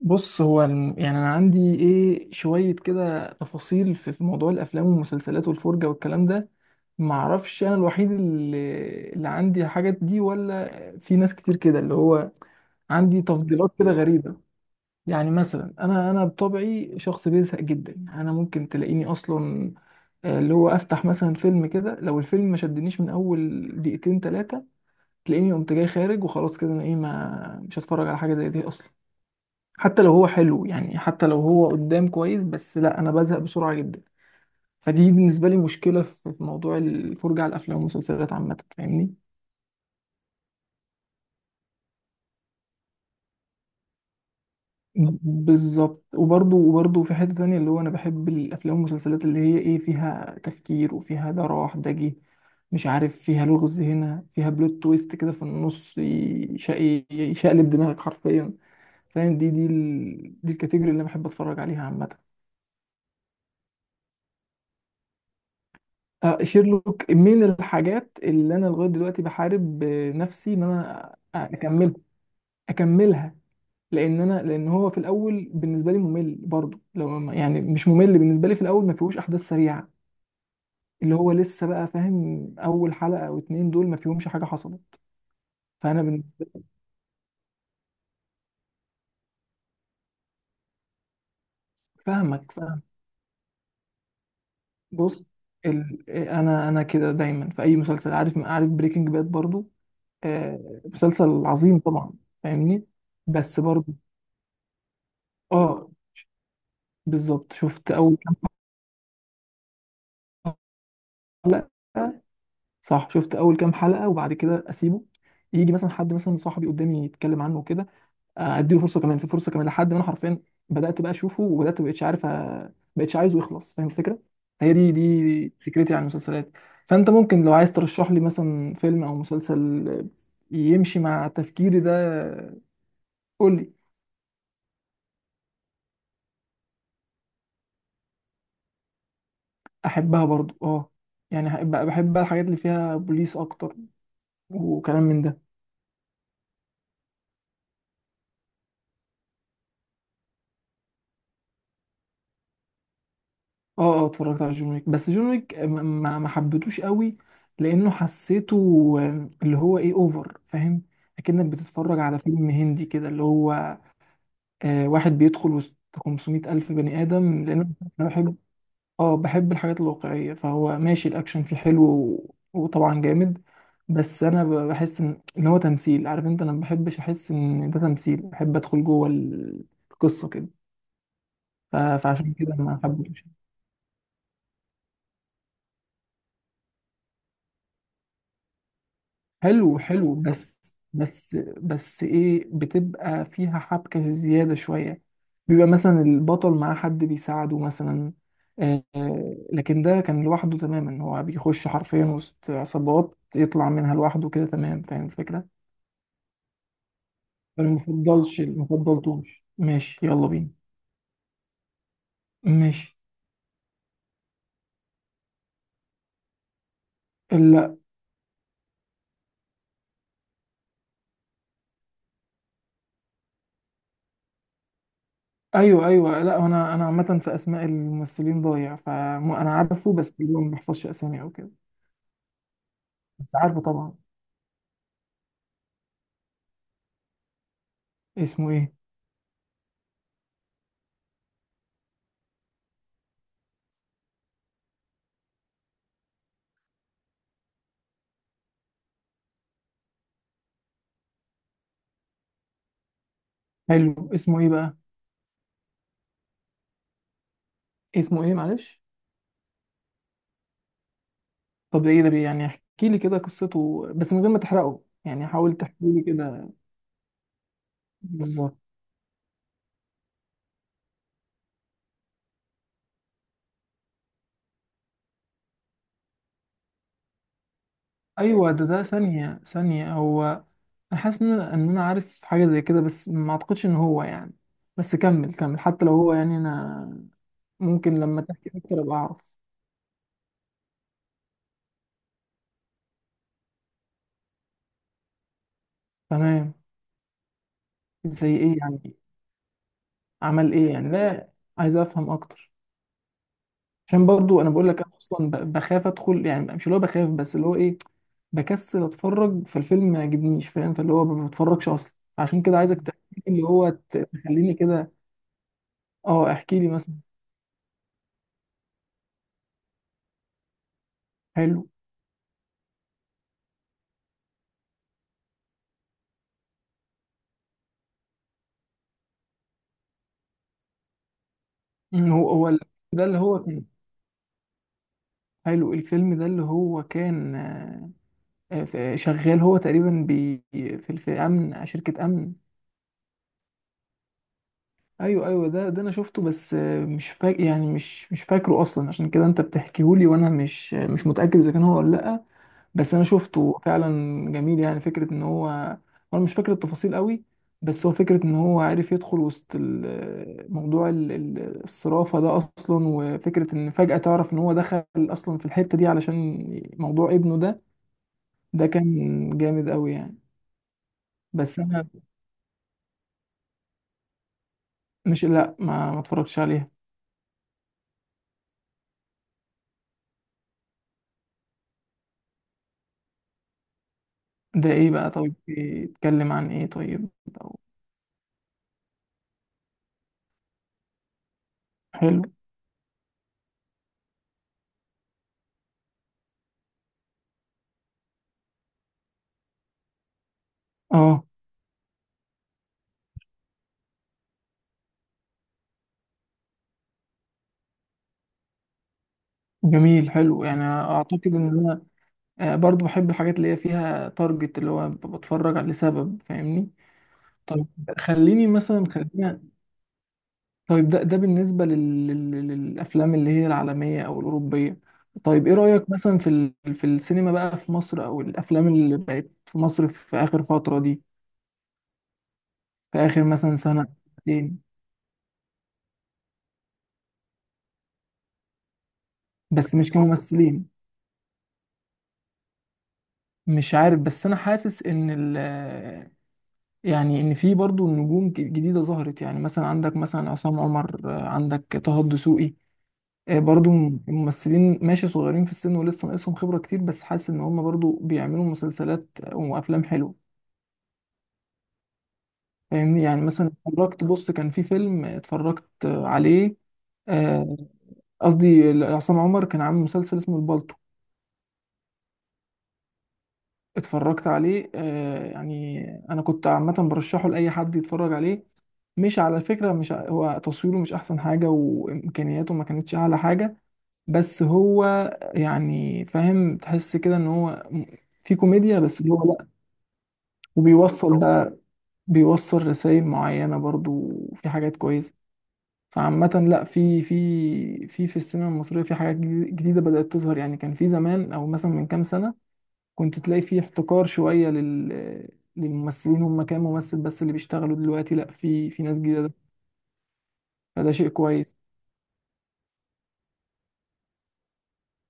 بص، يعني انا عندي ايه شويه كده تفاصيل في موضوع الافلام والمسلسلات والفرجه والكلام ده. ما اعرفش انا الوحيد اللي عندي الحاجات دي ولا في ناس كتير كده اللي هو عندي تفضيلات كده غريبه. يعني مثلا انا بطبعي شخص بيزهق جدا. انا ممكن تلاقيني اصلا، اللي هو، افتح مثلا فيلم كده، لو الفيلم ما شدنيش من اول دقيقتين ثلاثه تلاقيني قمت جاي خارج، وخلاص كده انا ايه، ما مش هتفرج على حاجه زي دي اصلا. حتى لو هو حلو، يعني حتى لو هو قدام كويس، بس لا، انا بزهق بسرعه جدا. فدي بالنسبه لي مشكله في موضوع الفرجه على الافلام والمسلسلات عامه، فاهمني؟ بالظبط، وبرضه في حته تانية اللي هو انا بحب الافلام والمسلسلات اللي هي ايه، فيها تفكير وفيها ده راح ده جه، مش عارف، فيها لغز هنا، فيها بلوت تويست كده في النص يشقلب دماغك حرفيا. فاهم؟ دي الكاتيجوري اللي انا بحب اتفرج عليها عامه. شيرلوك من الحاجات اللي انا لغايه دلوقتي بحارب نفسي ان انا اكمل اكملها. لان انا لان هو في الاول بالنسبه لي ممل برضو. لو يعني مش ممل بالنسبه لي في الاول، ما فيهوش احداث سريعه اللي هو لسه بقى، فاهم؟ اول حلقه او اتنين دول ما فيهمش حاجه حصلت. فانا بالنسبه لي، فاهمك، فاهم. بص، انا كده دايما في اي مسلسل. عارف بريكنج باد برضو؟ مسلسل عظيم طبعا. فاهمني؟ بس برضو، اه. بالظبط، شفت اول كام حلقه. صح، شفت اول كام حلقه وبعد كده اسيبه، يجي مثلا حد، مثلا صاحبي، قدامي يتكلم عنه وكده، اديله فرصه كمان، في فرصه كمان، لحد ما انا حرفيا بدات بقى اشوفه، وبدات مبقتش عايزه يخلص. فاهم الفكره؟ هي دي فكرتي عن المسلسلات. فانت ممكن لو عايز ترشح لي مثلا فيلم او مسلسل يمشي مع تفكيري ده قول لي. احبها برضو، اه. يعني بحب بقى الحاجات اللي فيها بوليس اكتر، وكلام من ده. اه، اه، اتفرجت على جون ويك، بس جون ويك ما حبيتوش قوي، لانه حسيته اللي هو ايه، اوفر، فاهم؟ اكنك بتتفرج على فيلم هندي كده اللي هو واحد بيدخل وسط 500 الف بني ادم، لان انا بحب، اه، بحب الحاجات الواقعيه. فهو ماشي، الاكشن فيه حلو وطبعا جامد. بس انا بحس إن هو تمثيل. عارف انت، انا ما بحبش احس ان ده تمثيل، بحب ادخل جوه القصه كده. فعشان كده ما حبيتوش. حلو، حلو، بس، بس بس ايه، بتبقى فيها حبكة زيادة شوية، بيبقى مثلا البطل معاه حد بيساعده مثلا. لكن ده كان لوحده تماما، هو بيخش حرفيا وسط عصابات يطلع منها لوحده كده. تمام؟ فاهم الفكرة؟ انا مفضلش مفضلتوش. ماشي، يلا بينا. ماشي. لا. ايوه، ايوه، لا، انا عامة في اسماء الممثلين ضايع. فانا عارفه، بس اللي هو ما بحفظش اسامي او كده. بس عارفه طبعا. اسمه ايه؟ حلو، اسمه ايه بقى؟ اسمه ايه، معلش؟ طب ده ايه ده؟ يعني احكي لي كده قصته، بس من غير ما تحرقه، يعني حاول تحكي لي كده. بالظبط. ايوه، ده ثانيه، ثانيه، هو، انا حاسس ان انا عارف حاجه زي كده، بس ما اعتقدش ان هو يعني، بس كمل، كمل، حتى لو هو، يعني انا ممكن لما تحكي اكتر ابقى اعرف. تمام. زي ايه يعني؟ عمل ايه يعني؟ لا، عايز افهم اكتر، عشان برضو انا بقول لك انا اصلا بخاف ادخل، يعني مش اللي هو بخاف، بس اللي هو ايه، بكسل اتفرج، فالفيلم ما يعجبنيش، فاهم؟ فاللي هو ما بتفرجش اصلا. عشان كده عايزك تحكي لي اللي هو تخليني كده. اه، احكي لي مثلا. حلو. أمم، هو هو ال- ده اللي هو كان حلو. الفيلم ده اللي هو كان شغال هو تقريبا بي في في امن، شركة امن. ايوه، ايوه، ده انا شفته، بس مش فاكر، يعني مش فاكره اصلا، عشان كده انت بتحكيهولي وانا مش متاكد اذا كان هو ولا لا، بس انا شفته فعلا. جميل، يعني فكره ان هو، انا مش فاكر التفاصيل قوي، بس هو فكره ان هو عارف يدخل وسط موضوع الصرافه ده اصلا، وفكره ان فجاه تعرف ان هو دخل اصلا في الحته دي علشان موضوع ابنه ده. ده كان جامد قوي يعني. بس انا مش، لا، ما اتفرجتش عليها. ده ايه بقى؟ طيب بيتكلم عن ايه طيب؟ أو- حلو، اه جميل، حلو. يعني اعتقد ان، برضو بحب الحاجات اللي هي فيها تارجت، اللي هو ببقى بتفرج لسبب، فاهمني؟ طيب، خليني مثلا، خلينا، طيب ده بالنسبة للأفلام اللي هي العالمية أو الأوروبية. طيب إيه رأيك مثلا في في السينما بقى في مصر أو الأفلام اللي بقت في مصر في آخر فترة دي، في آخر مثلا سنة، سنتين؟ بس مش كممثلين. مش عارف، بس أنا حاسس إن ال... يعني ان في برضو نجوم جديده ظهرت، يعني مثلا عندك، مثلا، عصام عمر، عندك طه الدسوقي. برضو الممثلين ماشي صغيرين في السن ولسه ناقصهم خبرة كتير، بس حاسس ان هم برضو بيعملوا مسلسلات وافلام حلوة. فاهمني؟ يعني مثلا اتفرجت، بص كان في فيلم اتفرجت عليه، آه، قصدي عصام عمر كان عامل مسلسل اسمه البالتو، اتفرجت عليه. يعني انا كنت عامة برشحه لأي حد يتفرج عليه. مش على فكرة، مش هو تصويره مش احسن حاجة وامكانياته ما كانتش اعلى حاجة، بس هو يعني، فاهم، تحس كده ان هو في كوميديا، بس اللي هو لا، وبيوصل بقى، بيوصل رسائل معينة برضو، وفي حاجات كويسة. فعامة لا، في السينما المصرية في حاجات جديدة بدأت تظهر. يعني كان في زمان، او مثلا من كام سنة، كنت تلاقي في احتكار شوية للممثلين. هم كام ممثل بس اللي بيشتغلوا. دلوقتي لا، في ناس جديدة. فده شيء كويس.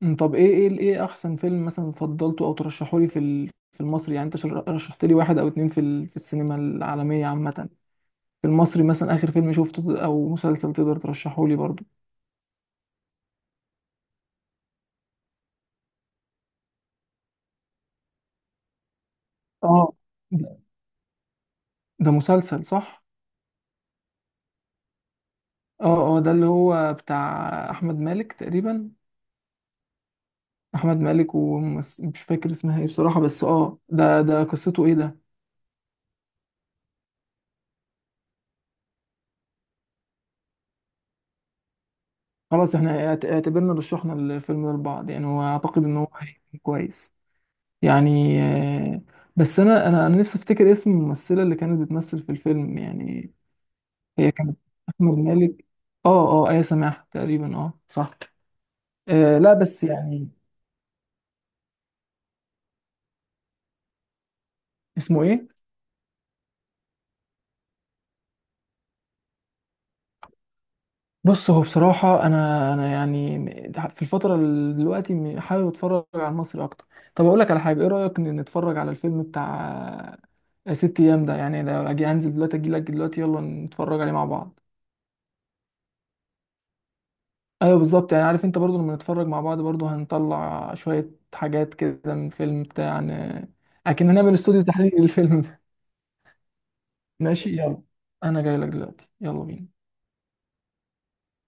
طب ايه ايه احسن فيلم مثلا فضلته او ترشحه لي في في المصري؟ يعني انت رشحت لي واحد او اتنين في في السينما العالميه عامه. في المصري مثلا اخر فيلم شفته، او مسلسل تقدر ترشحه لي برضو؟ اه، ده ده مسلسل، صح؟ اه، اه، ده اللي هو بتاع احمد مالك تقريبا. احمد مالك، ومش فاكر اسمها ايه بصراحه، بس اه، ده قصته ايه ده؟ خلاص، احنا اعتبرنا رشحنا الفيلم ده لبعض يعني، واعتقد ان هو هيكون كويس. يعني بس انا نفسي افتكر اسم الممثله اللي كانت بتمثل في الفيلم يعني. هي كانت، احمد مالك، اه، اه، ايه سماح تقريبا، اه صح. لا بس يعني، اسمه ايه؟ بص، هو بصراحه انا يعني في الفتره دلوقتي حابب اتفرج على المصري اكتر. طب اقول لك على حاجه، ايه رايك ان نتفرج على الفيلم بتاع ست ايام ده؟ يعني لو اجي انزل دلوقتي، اجي لك دلوقتي، يلا نتفرج عليه مع بعض. ايوه، بالظبط، يعني عارف انت برضو لما نتفرج مع بعض، برضو هنطلع شوية حاجات كده من فيلم بتاع اكن هنعمل استوديو تحليل للفيلم ده. ماشي، يلا، انا جاي لك دلوقتي، يلا بينا.